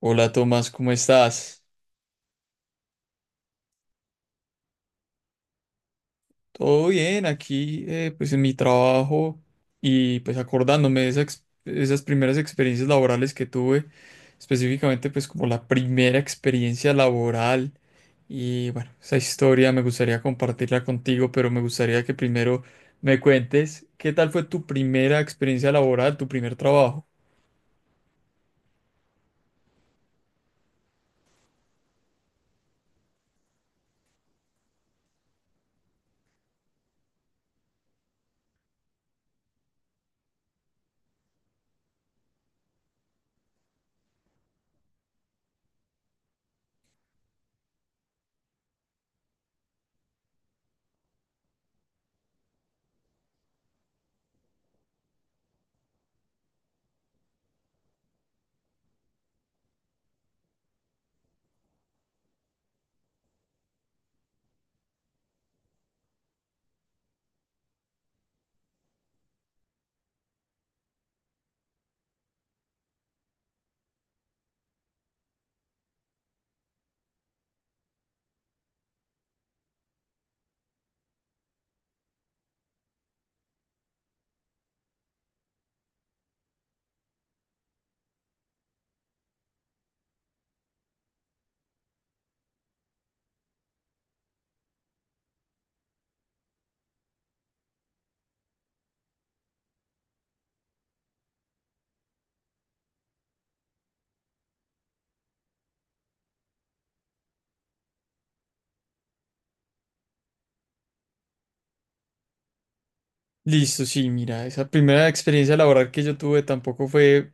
Hola Tomás, ¿cómo estás? Todo bien, aquí pues en mi trabajo y pues acordándome de esas primeras experiencias laborales que tuve, específicamente pues como la primera experiencia laboral y bueno, esa historia me gustaría compartirla contigo, pero me gustaría que primero me cuentes qué tal fue tu primera experiencia laboral, tu primer trabajo. Listo, sí, mira, esa primera experiencia laboral que yo tuve tampoco fue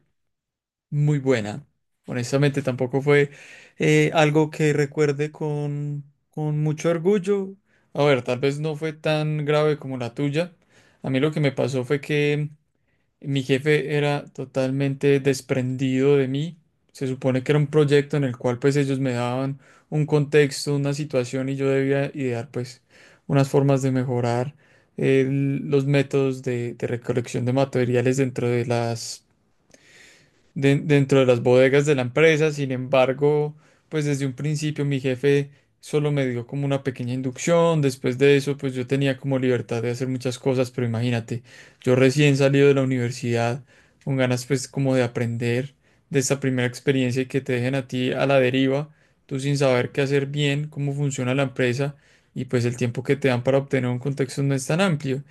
muy buena. Honestamente, tampoco fue algo que recuerde con mucho orgullo. A ver, tal vez no fue tan grave como la tuya. A mí lo que me pasó fue que mi jefe era totalmente desprendido de mí. Se supone que era un proyecto en el cual pues ellos me daban un contexto, una situación y yo debía idear pues unas formas de mejorar los métodos de recolección de materiales dentro de dentro de las bodegas de la empresa. Sin embargo, pues desde un principio mi jefe solo me dio como una pequeña inducción. Después de eso, pues yo tenía como libertad de hacer muchas cosas, pero imagínate, yo recién salido de la universidad, con ganas pues como de aprender de esta primera experiencia y que te dejen a ti a la deriva, tú sin saber qué hacer bien, cómo funciona la empresa y pues el tiempo que te dan para obtener un contexto no es tan amplio.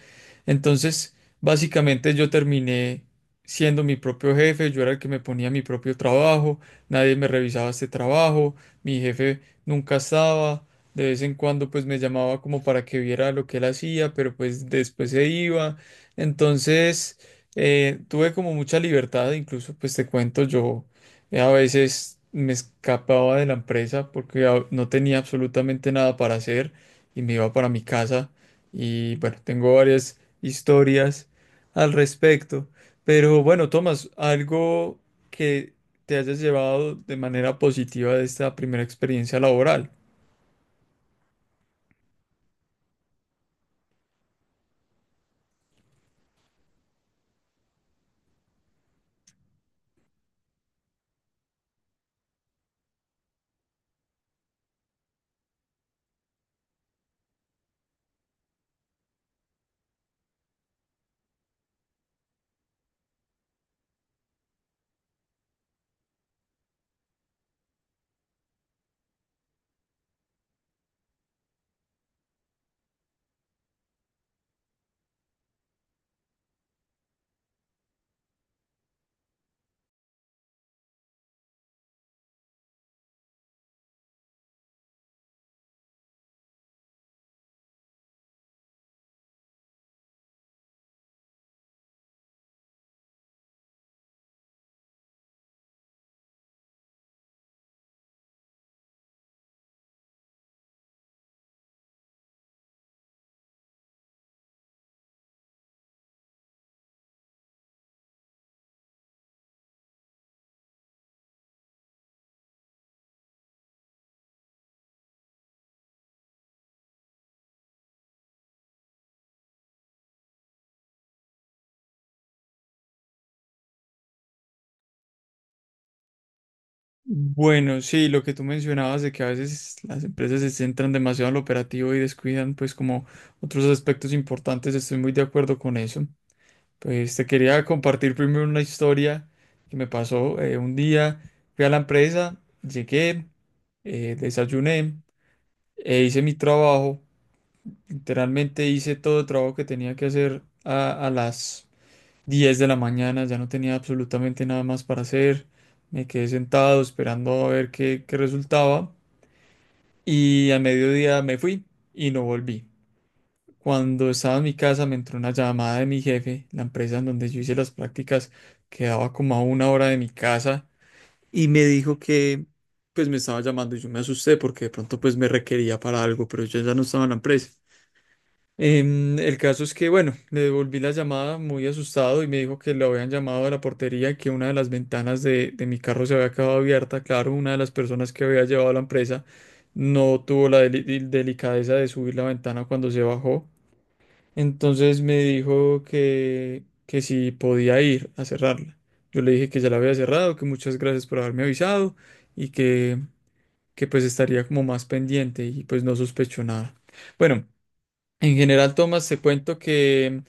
Entonces, básicamente yo terminé siendo mi propio jefe, yo era el que me ponía mi propio trabajo, nadie me revisaba este trabajo, mi jefe nunca estaba, de vez en cuando pues me llamaba como para que viera lo que él hacía, pero pues después se iba. Entonces, tuve como mucha libertad, incluso pues te cuento, yo a veces me escapaba de la empresa porque no tenía absolutamente nada para hacer y me iba para mi casa. Y bueno, tengo varias historias al respecto. Pero bueno, Tomás, algo que te hayas llevado de manera positiva de esta primera experiencia laboral. Bueno, sí, lo que tú mencionabas de que a veces las empresas se centran demasiado en lo operativo y descuidan pues como otros aspectos importantes, estoy muy de acuerdo con eso. Pues te quería compartir primero una historia que me pasó un día, fui a la empresa, llegué, desayuné e hice mi trabajo. Literalmente hice todo el trabajo que tenía que hacer a las 10 de la mañana, ya no tenía absolutamente nada más para hacer. Me quedé sentado esperando a ver qué resultaba y a mediodía me fui y no volví. Cuando estaba en mi casa me entró una llamada de mi jefe, la empresa en donde yo hice las prácticas quedaba como a una hora de mi casa y me dijo que pues me estaba llamando y yo me asusté porque de pronto pues me requería para algo, pero yo ya no estaba en la empresa. El caso es que, bueno, le devolví la llamada muy asustado y me dijo que lo habían llamado a la portería y que una de las ventanas de mi carro se había quedado abierta. Claro, una de las personas que había llevado a la empresa no tuvo la delicadeza de subir la ventana cuando se bajó. Entonces me dijo que si podía ir a cerrarla. Yo le dije que ya la había cerrado, que muchas gracias por haberme avisado y que pues estaría como más pendiente y pues no sospechó nada. Bueno. En general, Tomás, te cuento que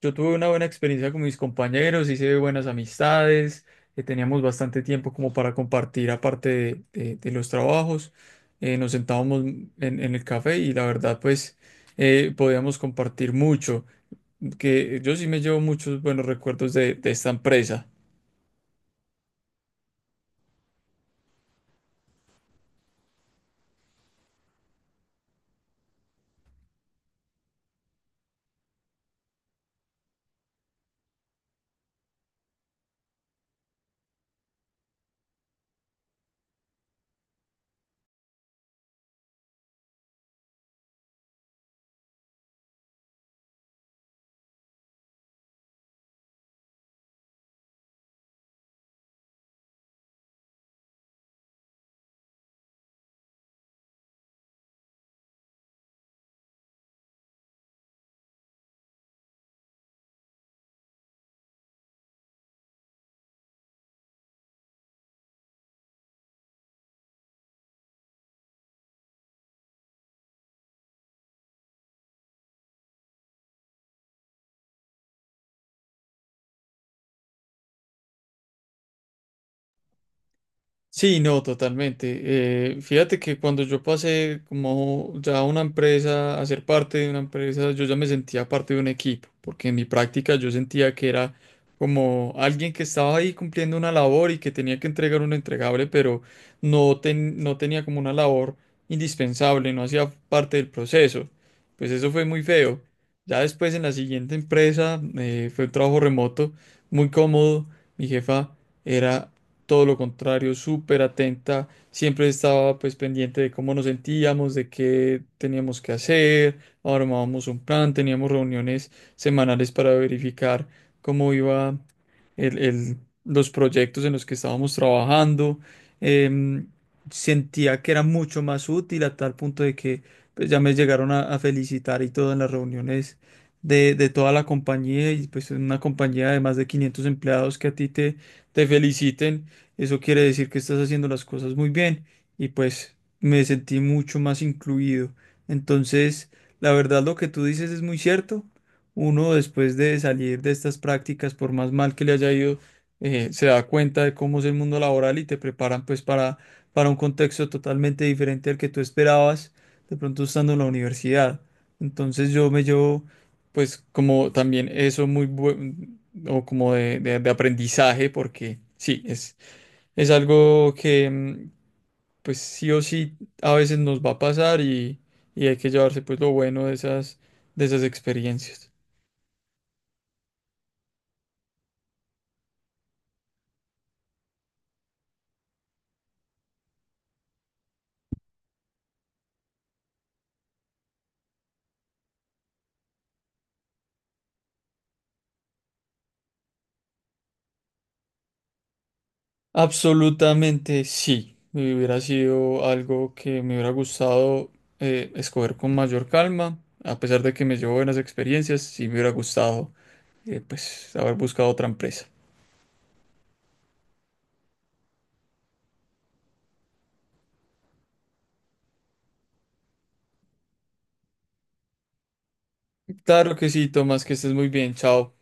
yo tuve una buena experiencia con mis compañeros, hice buenas amistades, teníamos bastante tiempo como para compartir aparte de los trabajos, nos sentábamos en el café y la verdad pues podíamos compartir mucho, que yo sí me llevo muchos buenos recuerdos de esta empresa. Sí, no, totalmente. Fíjate que cuando yo pasé como ya a una empresa, a ser parte de una empresa, yo ya me sentía parte de un equipo, porque en mi práctica yo sentía que era como alguien que estaba ahí cumpliendo una labor y que tenía que entregar un entregable, pero no, no tenía como una labor indispensable, no hacía parte del proceso. Pues eso fue muy feo. Ya después en la siguiente empresa fue un trabajo remoto, muy cómodo. Mi jefa era todo lo contrario, súper atenta, siempre estaba pues pendiente de cómo nos sentíamos, de qué teníamos que hacer, armábamos un plan, teníamos reuniones semanales para verificar cómo iba el- el- los proyectos en los que estábamos trabajando. Em, Sentía que era mucho más útil a tal punto de que pues, ya me llegaron a felicitar y todo en las reuniones de toda la compañía y pues en una compañía de más de 500 empleados que a ti te feliciten eso quiere decir que estás haciendo las cosas muy bien y pues me sentí mucho más incluido. Entonces, la verdad lo que tú dices es muy cierto. Uno después de salir de estas prácticas, por más mal que le haya ido, se da cuenta de cómo es el mundo laboral y te preparan pues para un contexto totalmente diferente al que tú esperabas de pronto estando en la universidad. Entonces yo me llevo pues como también eso muy bueno o como de aprendizaje porque sí, es. Es algo que, pues sí o sí, a veces nos va a pasar y hay que llevarse pues lo bueno de de esas experiencias. Absolutamente sí. Y hubiera sido algo que me hubiera gustado escoger con mayor calma, a pesar de que me llevo buenas experiencias, sí me hubiera gustado pues haber buscado otra empresa. Claro que sí, Tomás, que estés muy bien. Chao.